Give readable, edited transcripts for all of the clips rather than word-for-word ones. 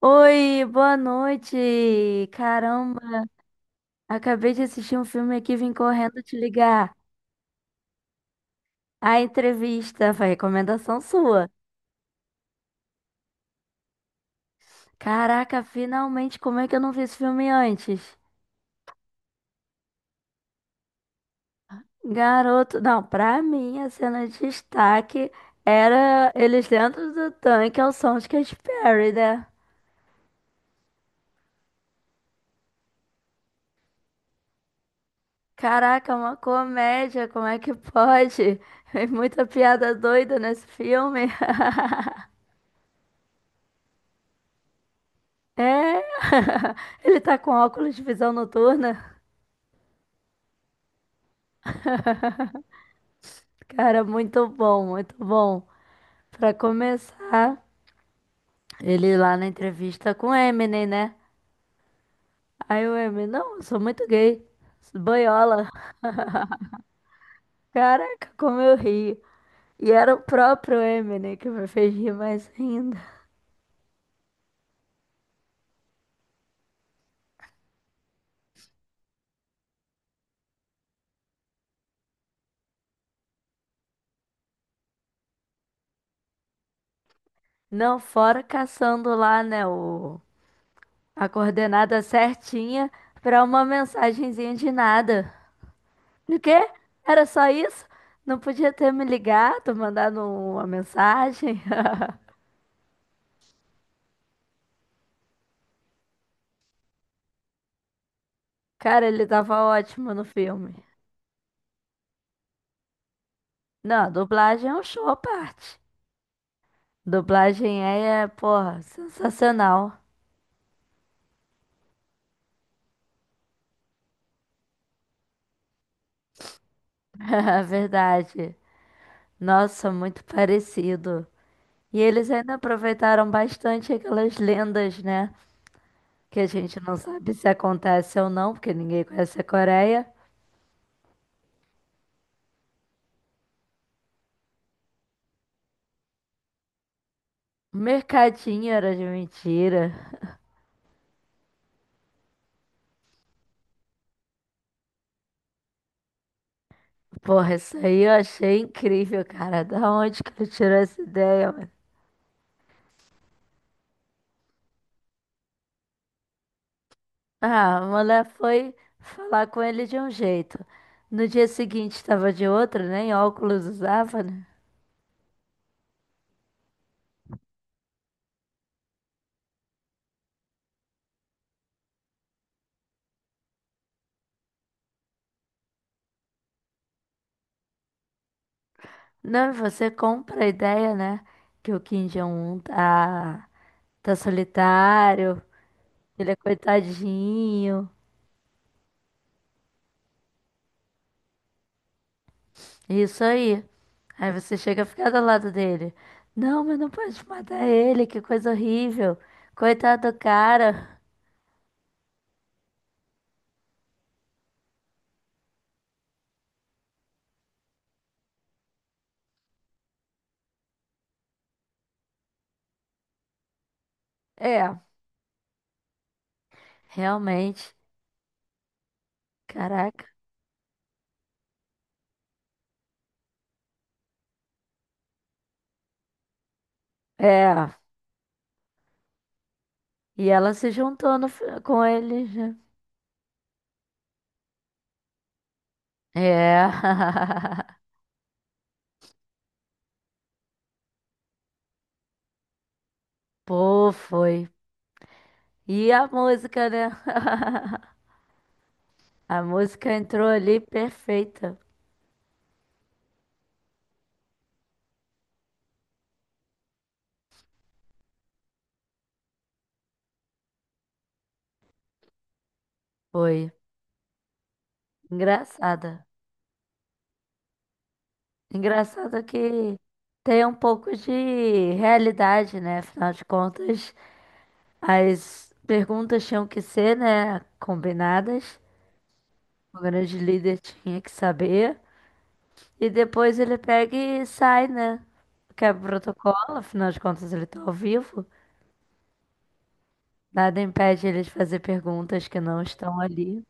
Oi, boa noite. Caramba, acabei de assistir um filme aqui, vim correndo te ligar. A entrevista foi recomendação sua. Caraca, finalmente, como é que eu não vi esse filme antes? Garoto, não, pra mim a cena de destaque era eles dentro do tanque ao som de Katy Perry, né? Caraca, uma comédia, como é que pode? É muita piada doida nesse filme. É, ele tá com óculos de visão noturna. Cara, muito bom, muito bom. Pra começar, ele lá na entrevista com o Eminem, né? Aí o Eminem, não, eu sou muito gay. Sou Boiola. Caraca, como eu ri. E era o próprio Eminem que me fez rir mais ainda. Não, fora caçando lá, né, o... a coordenada certinha pra uma mensagenzinha de nada. O quê? Era só isso? Não podia ter me ligado, mandado uma mensagem? Cara, ele tava ótimo no filme. Não, a dublagem é um show à parte. Dublagem é, porra, sensacional. Verdade. Nossa, muito parecido. E eles ainda aproveitaram bastante aquelas lendas, né? Que a gente não sabe se acontece ou não, porque ninguém conhece a Coreia. Mercadinho era de mentira. Porra, isso aí eu achei incrível, cara. Da onde que ele tirou essa ideia, ah, a mulher foi falar com ele de um jeito. No dia seguinte estava de outro, nem óculos usava, né? Não, e você compra a ideia, né? Que o Kim Jong-un tá solitário, ele é coitadinho. Isso aí. Aí você chega a ficar do lado dele. Não, mas não pode matar ele, que coisa horrível. Coitado do cara. É, realmente. Caraca. É. E ela se juntou no fi- com ele, né? É. Pô, foi. E a música, né? A música entrou ali perfeita. Foi. Engraçada. Engraçado que tem um pouco de realidade, né? Afinal de contas, as perguntas tinham que ser, né? Combinadas. O grande líder tinha que saber. E depois ele pega e sai, né? Quebra o protocolo, afinal de contas, ele tá ao vivo. Nada impede eles de fazer perguntas que não estão ali.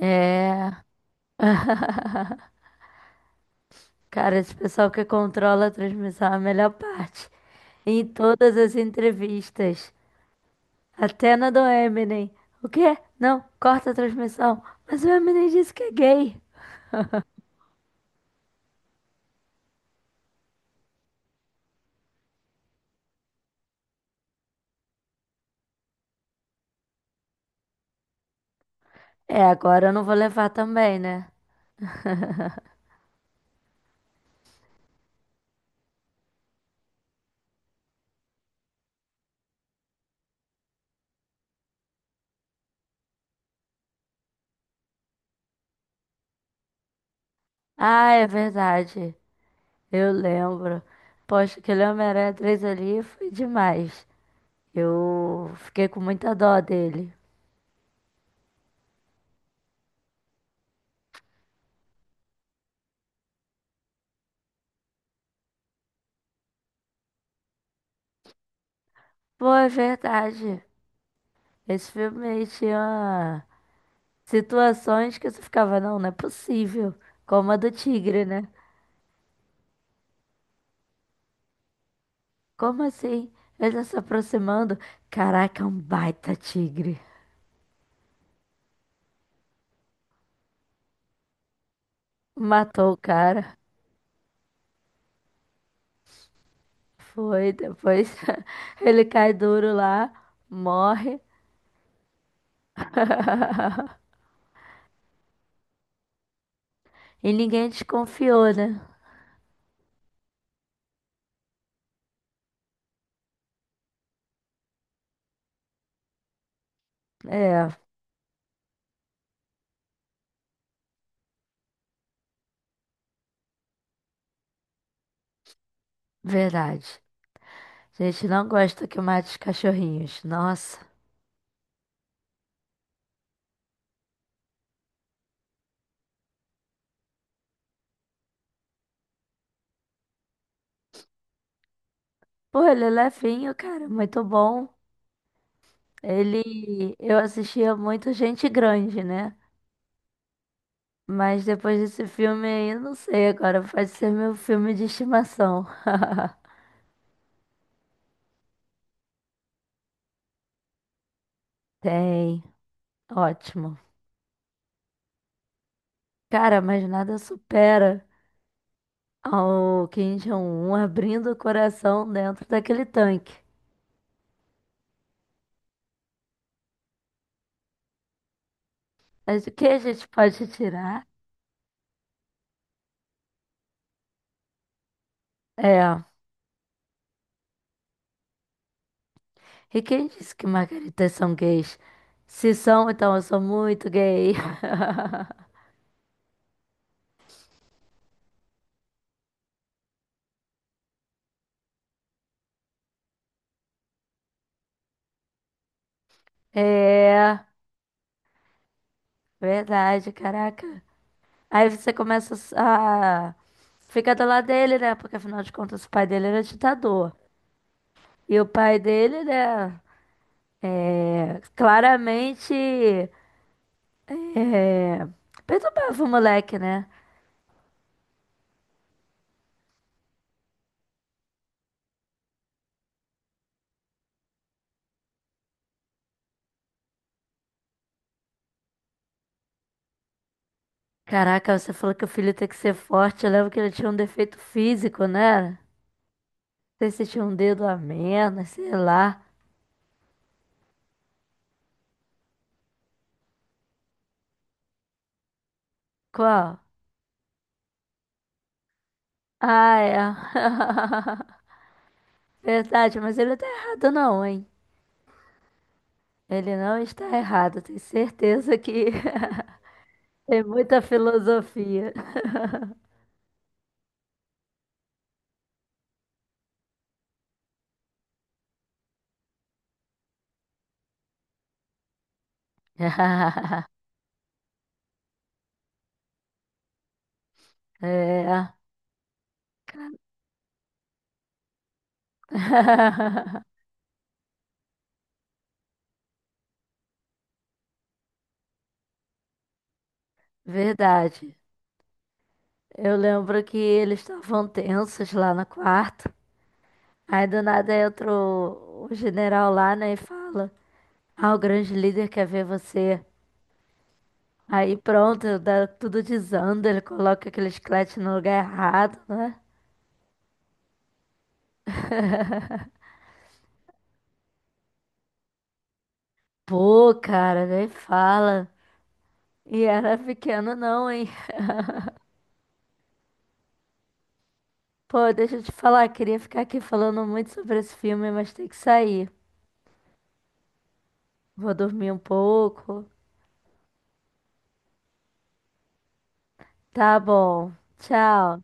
É. Cara, esse pessoal que controla a transmissão é a melhor parte. Em todas as entrevistas. Até na do Eminem. O quê? Não, corta a transmissão. Mas o Eminem disse que é gay. É, agora eu não vou levar também, né? Ah, é verdade. Eu lembro. Poxa, aquele Homem-Aranha 3 ali foi demais. Eu fiquei com muita dó dele. Pô, é verdade. Esse filme aí tinha situações que você ficava, não, não é possível. Como a do tigre, né? Como assim? Ele tá se aproximando. Caraca, é um baita tigre. Matou o cara. Foi, depois ele cai duro lá, morre. E ninguém desconfiou, né? É, verdade. A gente não gosta que mate os cachorrinhos. Nossa. Pô, ele é levinho, cara. Muito bom. Ele, eu assistia muito Gente Grande, né? Mas depois desse filme aí, não sei agora, pode ser meu filme de estimação. Tem, ótimo. Cara, mas nada supera ao Kim Jong-un abrindo o coração dentro daquele tanque. Mas o que a gente pode tirar? É, e quem disse que margaritas são gays? Se são, então eu sou muito gay. É, verdade, caraca. Aí você começa a ficar do lado dele, né? Porque afinal de contas o pai dele era ditador. E o pai dele, né? É, claramente é, perturbava o moleque, né? Caraca, você falou que o filho tem que ser forte. Eu lembro que ele tinha um defeito físico, né? Não sei se tinha um dedo a menos, sei lá. Qual? Ah, é. Verdade, mas ele não tá errado não, hein? Ele não está errado, tenho certeza que. Tem muita filosofia. É. Verdade. Eu lembro que eles estavam tensos lá no quarto. Aí do nada entra o general lá, né, e fala: ah, o grande líder quer ver você. Aí pronto, dá, tudo desanda, ele coloca aquele chiclete no lugar errado, né? Pô, cara, nem fala. E era pequeno, não, hein? Pô, deixa eu te falar, queria ficar aqui falando muito sobre esse filme, mas tem que sair. Vou dormir um pouco. Tá bom. Tchau.